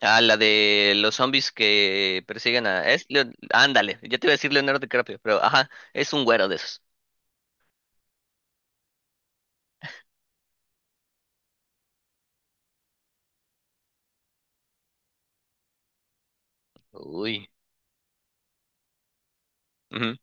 Ah, la de los zombies que persiguen a... Es Leo- Ándale, ya te iba a decir Leonardo DiCaprio, pero ajá, es un güero de esos. Uy. Ujú.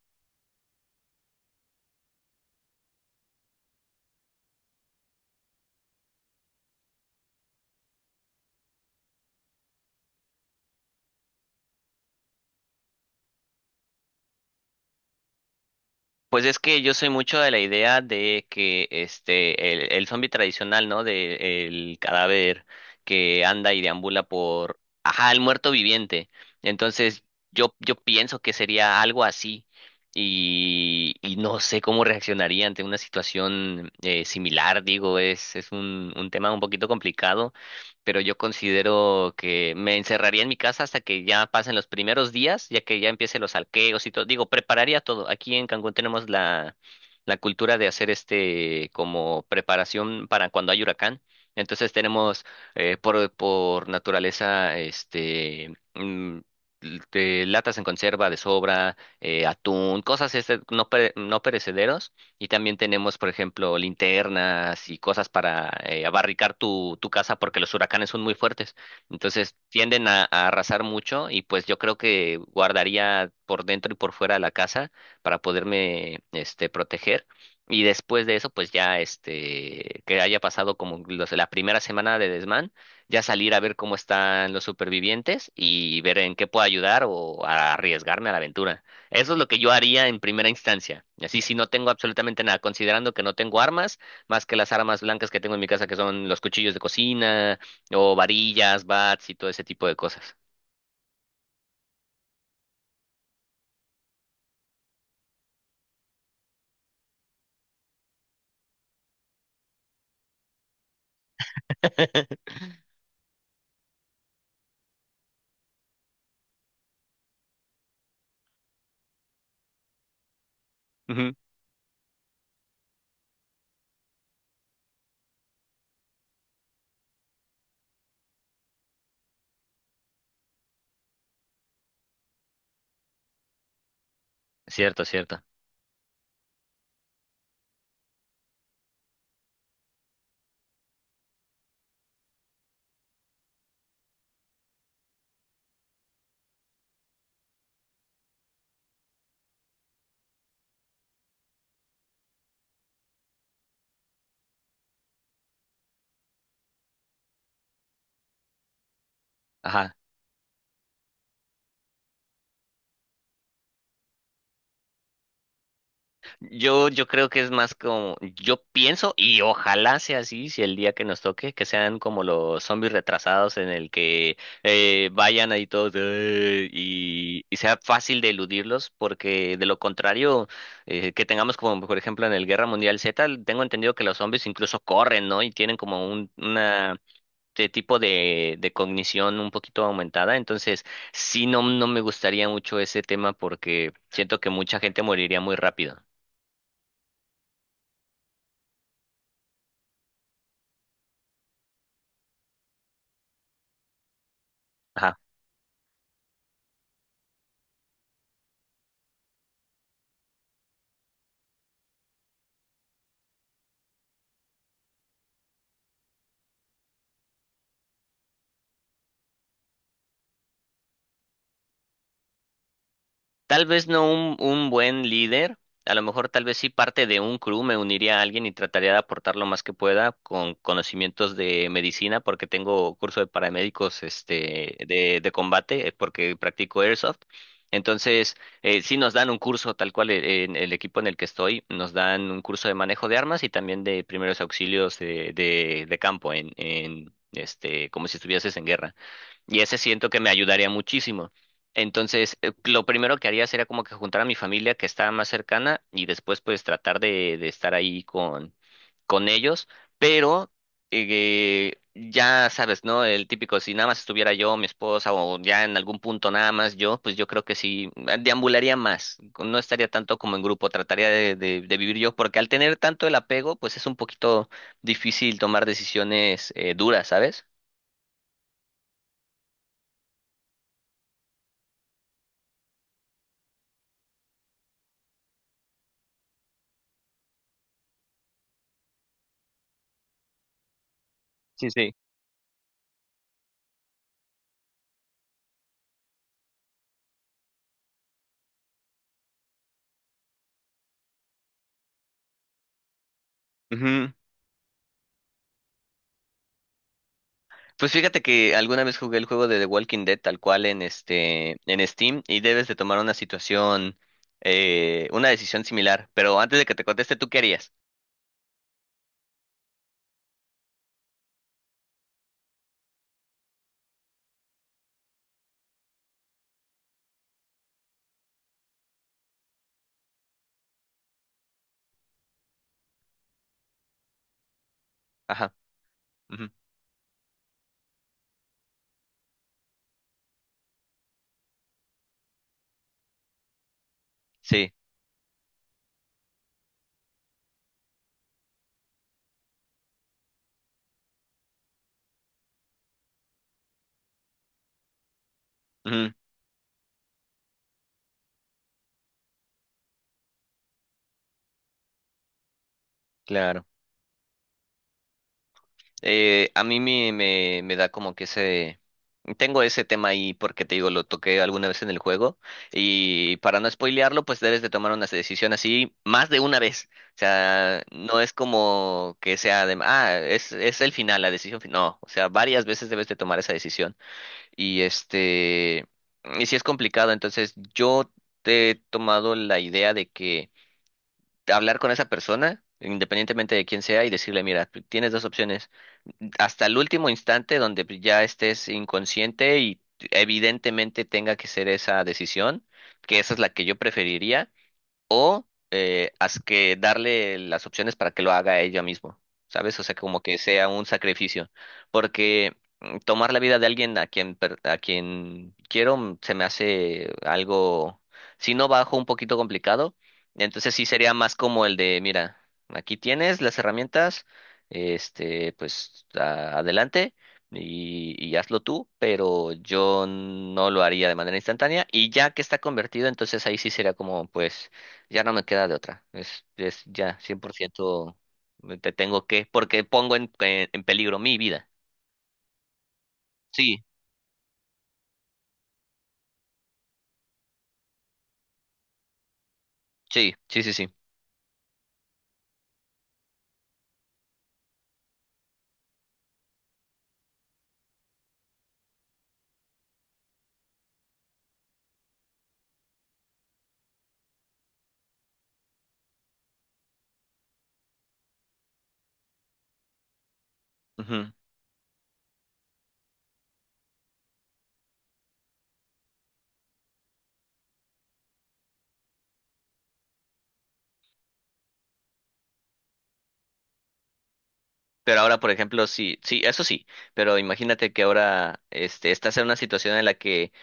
Pues es que yo soy mucho de la idea de que el zombie tradicional, ¿no? De el cadáver que anda y deambula por... Ajá, el muerto viviente. Entonces, yo pienso que sería algo así. Y no sé cómo reaccionaría ante una situación similar. Digo, es un tema un poquito complicado, pero yo considero que me encerraría en mi casa hasta que ya pasen los primeros días, ya que ya empiecen los alqueos y todo. Digo, prepararía todo. Aquí en Cancún tenemos la cultura de hacer este como preparación para cuando hay huracán. Entonces tenemos por naturaleza este l- de latas en conserva de sobra, atún, cosas este, no, pere- no perecederos, y también tenemos, por ejemplo, linternas y cosas para abarricar tu casa, porque los huracanes son muy fuertes. Entonces tienden a arrasar mucho y pues yo creo que guardaría por dentro y por fuera la casa para poderme este, proteger. Y después de eso, pues ya este, que haya pasado como los- la primera semana de desmán, ya salir a ver cómo están los supervivientes y ver en qué puedo ayudar o a arriesgarme a la aventura. Eso es lo que yo haría en primera instancia. Y así, si no tengo absolutamente nada, considerando que no tengo armas, más que las armas blancas que tengo en mi casa, que son los cuchillos de cocina, o varillas, bats y todo ese tipo de cosas. Ujú. Cierto, cierto. Ajá. Yo creo que es más como, yo pienso y ojalá sea así, si el día que nos toque, que sean como los zombies retrasados, en el que vayan ahí todos y sea fácil de eludirlos, porque de lo contrario, que tengamos como por ejemplo en el Guerra Mundial Z, tengo entendido que los zombies incluso corren, ¿no? Y tienen como un, una... de tipo de cognición un poquito aumentada. Entonces sí, no, no me gustaría mucho ese tema porque siento que mucha gente moriría muy rápido. Ajá. Tal vez no un, un buen líder, a lo mejor tal vez sí parte de un crew, me uniría a alguien y trataría de aportar lo más que pueda con conocimientos de medicina, porque tengo curso de paramédicos este, de combate, porque practico airsoft. Entonces, sí nos dan un curso, tal cual en el equipo en el que estoy, nos dan un curso de manejo de armas y también de primeros auxilios de campo, este, como si estuvieses en guerra. Y ese siento que me ayudaría muchísimo. Entonces, lo primero que haría sería como que juntar a mi familia que está más cercana y después pues tratar de estar ahí con ellos. Pero ya sabes, ¿no? El típico, si nada más estuviera yo, mi esposa, o ya en algún punto nada más yo, pues yo creo que sí, deambularía más. No estaría tanto como en grupo, trataría de vivir yo, porque al tener tanto el apego, pues es un poquito difícil tomar decisiones duras, ¿sabes? Sí, sí. Pues fíjate que alguna vez jugué el juego de The Walking Dead tal cual en este en Steam y debes de tomar una situación, una decisión similar. Pero antes de que te conteste, ¿tú qué harías? Ajá. Ujú. Sí. Ujú, claro. A mí me da como que ese... Tengo ese tema ahí porque te digo, lo toqué alguna vez en el juego y, para no spoilearlo, pues debes de tomar una decisión así más de una vez. O sea, no es como que sea de, ah, es el final, la decisión final. No, o sea, varias veces debes de tomar esa decisión. Y este, y si es complicado. Entonces, yo te he tomado la idea de que hablar con esa persona, independientemente de quién sea, y decirle, mira, tienes dos opciones hasta el último instante, donde ya estés inconsciente y evidentemente tenga que ser esa decisión, que esa es la que yo preferiría. Eh, haz que darle las opciones para que lo haga ella misma, ¿sabes? O sea, como que sea un sacrificio, porque mm, tomar la vida de alguien a quien, per- a quien quiero, mm, se me hace algo, si no bajo, un poquito complicado. Entonces sí sería más como el de, mira, aquí tienes las herramientas, este, pues a- adelante. Y hazlo tú, pero yo no lo haría de manera instantánea. Y ya que está convertido, entonces ahí sí sería como, pues, ya no me queda de otra. Es ya 100% me- te tengo que, porque pongo en peligro mi vida. Sí, sí, sí, sí, sí. Ujú. Pero ahora, por ejemplo, sí, sí, eso sí. Pero imagínate que ahora este, estás en una situación en la que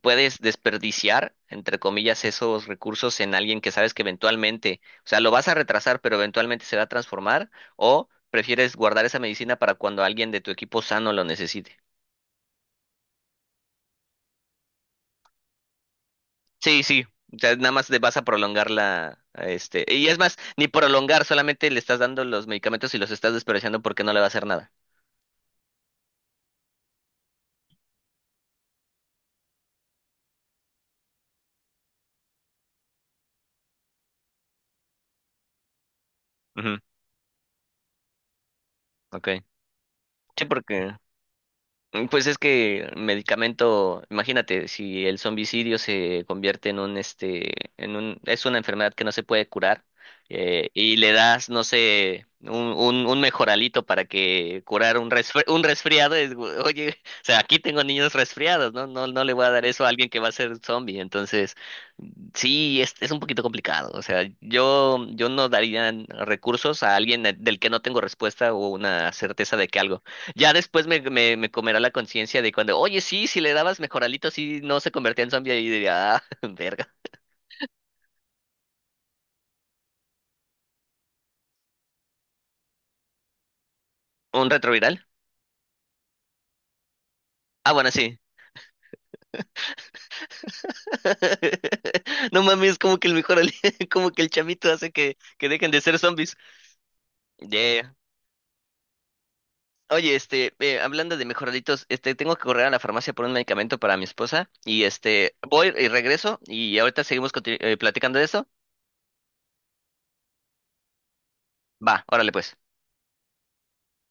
puedes desperdiciar, entre comillas, esos recursos en alguien que sabes que eventualmente, o sea, lo vas a retrasar, pero eventualmente se va a transformar, o prefieres guardar esa medicina para cuando alguien de tu equipo sano lo necesite. Sí, sí, ya nada más le vas a prolongar la, a este, y es más, ni prolongar, solamente le estás dando los medicamentos y los estás desperdiciando porque no le va a hacer nada. Ujú, ok. Sí, porque mm, pues es que medicamento, imagínate, si el zombicidio se convierte en un, este, en un, es una enfermedad que no se puede curar, y le das, no sé, un mejoralito para que curar un resfri- un resfriado, es, gu- oye, o sea, aquí tengo niños resfriados, ¿no? No, no le voy a dar eso a alguien que va a ser zombie. Entonces, sí, es un poquito complicado, o sea, yo no daría recursos a alguien del que no tengo respuesta o una certeza de que algo ya después me comerá la conciencia de cuando, oye, sí, si le dabas mejoralito, sí, no se convertía en zombie, y diría, ah, verga. ¿Un retroviral? Ah, bueno, sí. No mames, como que el mejoralito como que el chamito hace que dejen de ser zombies. Yeah. Oye, este, hablando de mejoralitos, este, tengo que correr a la farmacia por un medicamento para mi esposa y este, voy y regreso y ahorita seguimos conti- platicando de eso. Va, órale pues.